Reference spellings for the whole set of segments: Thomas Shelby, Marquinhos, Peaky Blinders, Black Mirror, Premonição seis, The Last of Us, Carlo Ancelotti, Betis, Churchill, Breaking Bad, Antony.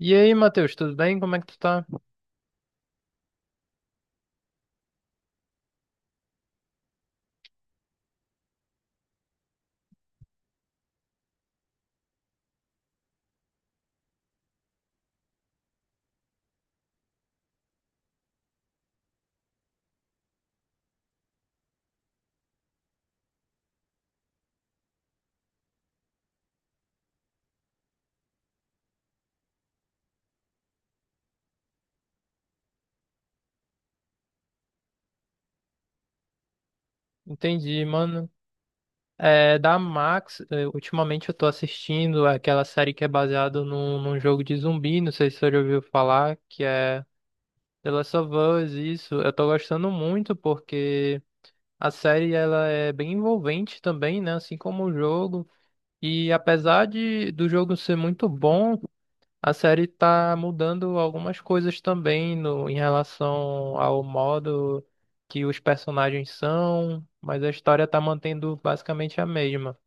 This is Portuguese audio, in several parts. E aí, Matheus, tudo bem? Como é que tu tá? Entendi, mano. É, da Max, é, ultimamente eu tô assistindo aquela série que é baseada num jogo de zumbi, não sei se você já ouviu falar, que é The Last of Us, isso. Eu tô gostando muito porque a série ela é bem envolvente também, né? Assim como o jogo. E apesar de do jogo ser muito bom, a série tá mudando algumas coisas também no, em relação ao modo que os personagens são, mas a história tá mantendo basicamente a mesma.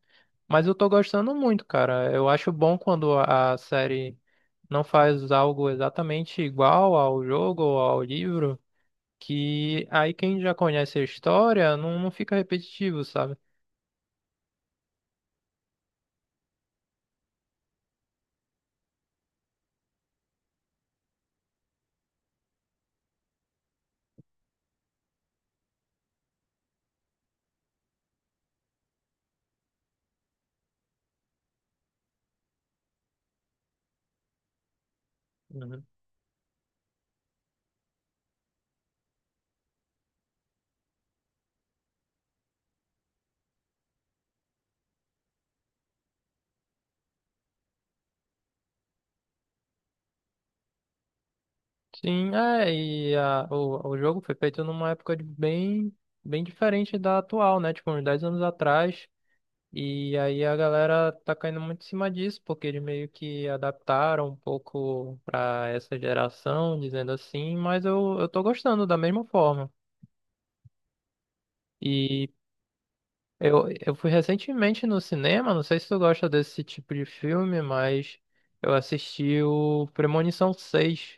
Mas eu tô gostando muito, cara. Eu acho bom quando a série não faz algo exatamente igual ao jogo ou ao livro, que aí quem já conhece a história não fica repetitivo, sabe? Sim, é, e a, o jogo foi feito numa época de bem, bem diferente da atual, né? Tipo, uns 10 anos atrás. E aí a galera tá caindo muito em cima disso, porque eles meio que adaptaram um pouco pra essa geração, dizendo assim, mas eu tô gostando da mesma forma. E eu fui recentemente no cinema, não sei se tu gosta desse tipo de filme, mas eu assisti o Premonição 6.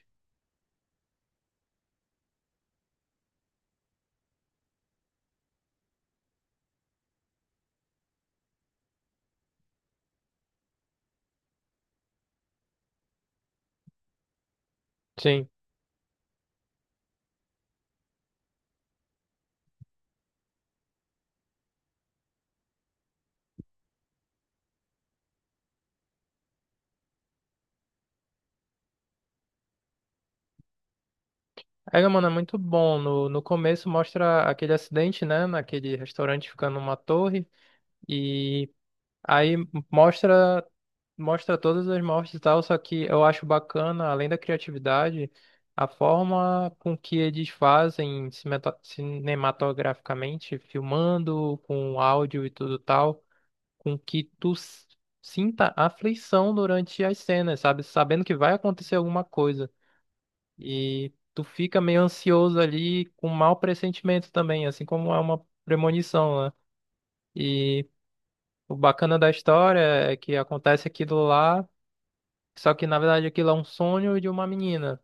Sim. É, mano, é muito bom. No começo mostra aquele acidente, né? Naquele restaurante ficando numa torre. E aí mostra, mostra todas as mortes e tal, só que eu acho bacana, além da criatividade, a forma com que eles fazem cinematograficamente, filmando com áudio e tudo tal. Com que sinta aflição durante as cenas, sabe? Sabendo que vai acontecer alguma coisa. E tu fica meio ansioso ali, com mau pressentimento também, assim como é uma premonição, né? E o bacana da história é que acontece aquilo lá, só que na verdade aquilo é um sonho de uma menina.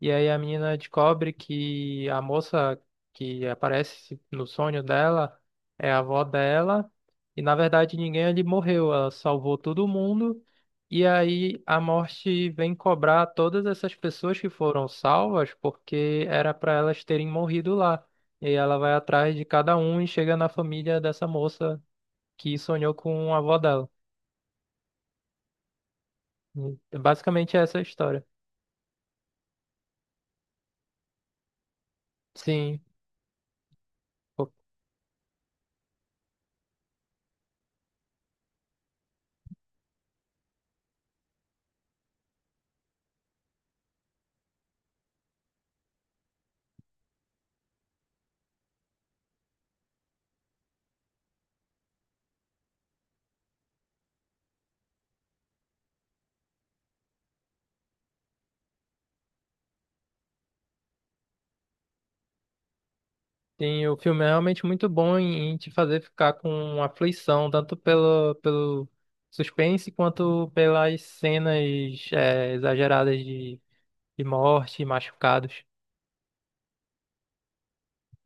E aí a menina descobre que a moça que aparece no sonho dela é a avó dela. E na verdade ninguém ali morreu, ela salvou todo mundo. E aí a morte vem cobrar todas essas pessoas que foram salvas porque era para elas terem morrido lá. E ela vai atrás de cada um e chega na família dessa moça que sonhou com a avó dela. E basicamente essa é a história. Sim. Sim, o filme é realmente muito bom em, em te fazer ficar com aflição, tanto pelo, pelo suspense quanto pelas cenas exageradas de morte e machucados.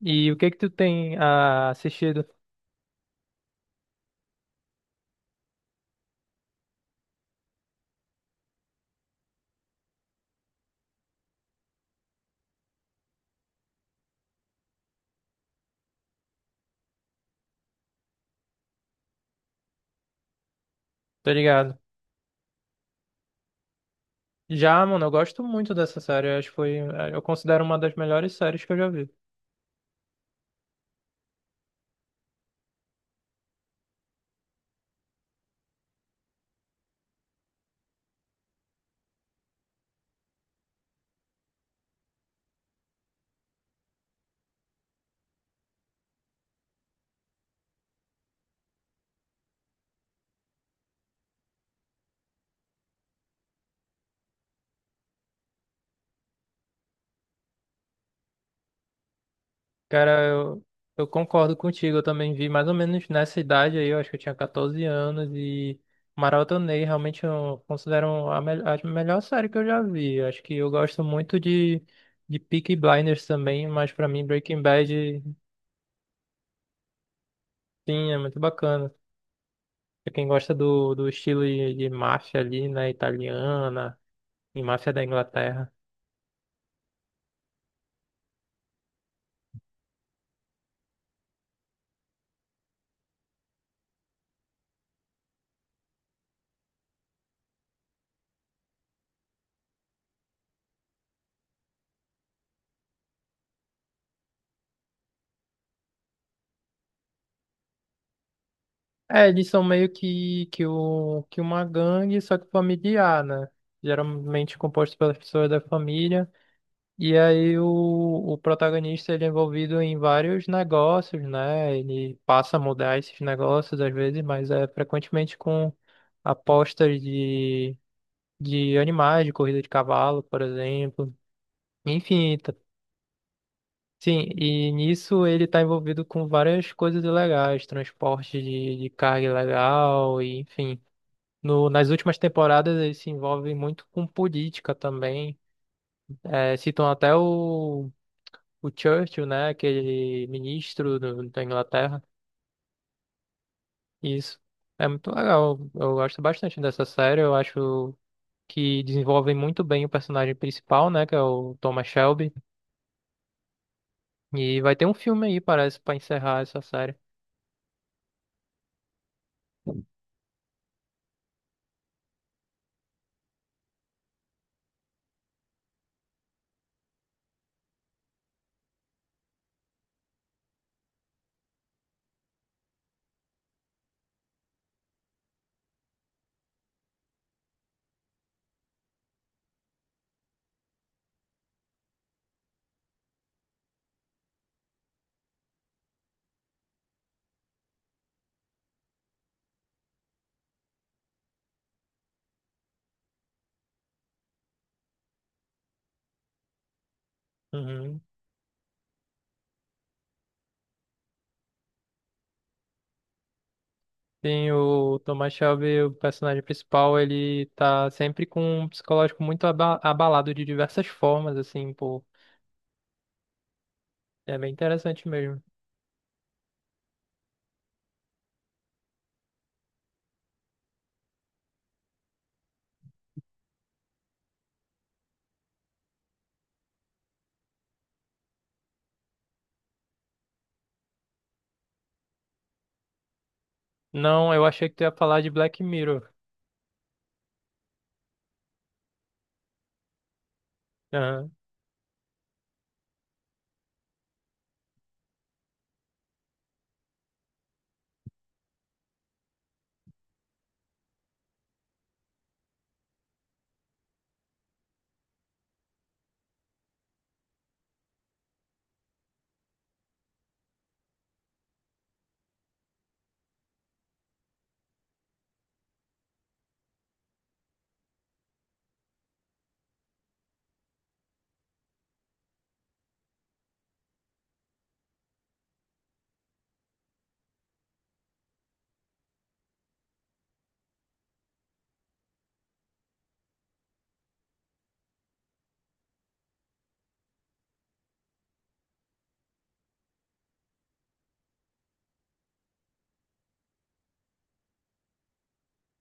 E o que que tu tem assistido? Tá ligado? Já, mano, eu gosto muito dessa série. Eu acho que foi, eu considero uma das melhores séries que eu já vi. Cara, eu concordo contigo. Eu também vi mais ou menos nessa idade aí, eu acho que eu tinha 14 anos e maratonei. Realmente eu considero a, a melhor série que eu já vi. Eu acho que eu gosto muito de Peaky Blinders também, mas pra mim Breaking Bad, sim, é muito bacana. Pra quem gosta do, do estilo de máfia ali, né, italiana e máfia da Inglaterra. É, eles são meio que, o, que uma gangue, só que familiar, né? Geralmente composto pelas pessoas da família. E aí o protagonista ele é envolvido em vários negócios, né? Ele passa a mudar esses negócios às vezes, mas é frequentemente com apostas de animais, de corrida de cavalo, por exemplo. Enfim, tá- sim, e nisso ele está envolvido com várias coisas ilegais, transporte de carga ilegal, e enfim. No, nas últimas temporadas ele se envolve muito com política também. É, citam até o Churchill, né? Aquele ministro da Inglaterra. Isso. É muito legal. Eu gosto bastante dessa série. Eu acho que desenvolvem muito bem o personagem principal, né? Que é o Thomas Shelby. E vai ter um filme aí, parece, pra encerrar essa série. Uhum. Tem o Thomas Shelby, o personagem principal, ele tá sempre com um psicológico muito abalado de diversas formas, assim, pô. É bem interessante mesmo. Não, eu achei que tu ia falar de Black Mirror.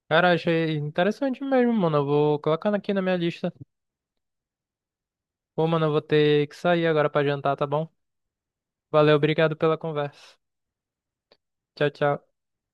Cara, achei interessante mesmo, mano. Eu vou colocando aqui na minha lista. Pô, mano, eu vou ter que sair agora pra jantar, tá bom? Valeu, obrigado pela conversa. Tchau, tchau.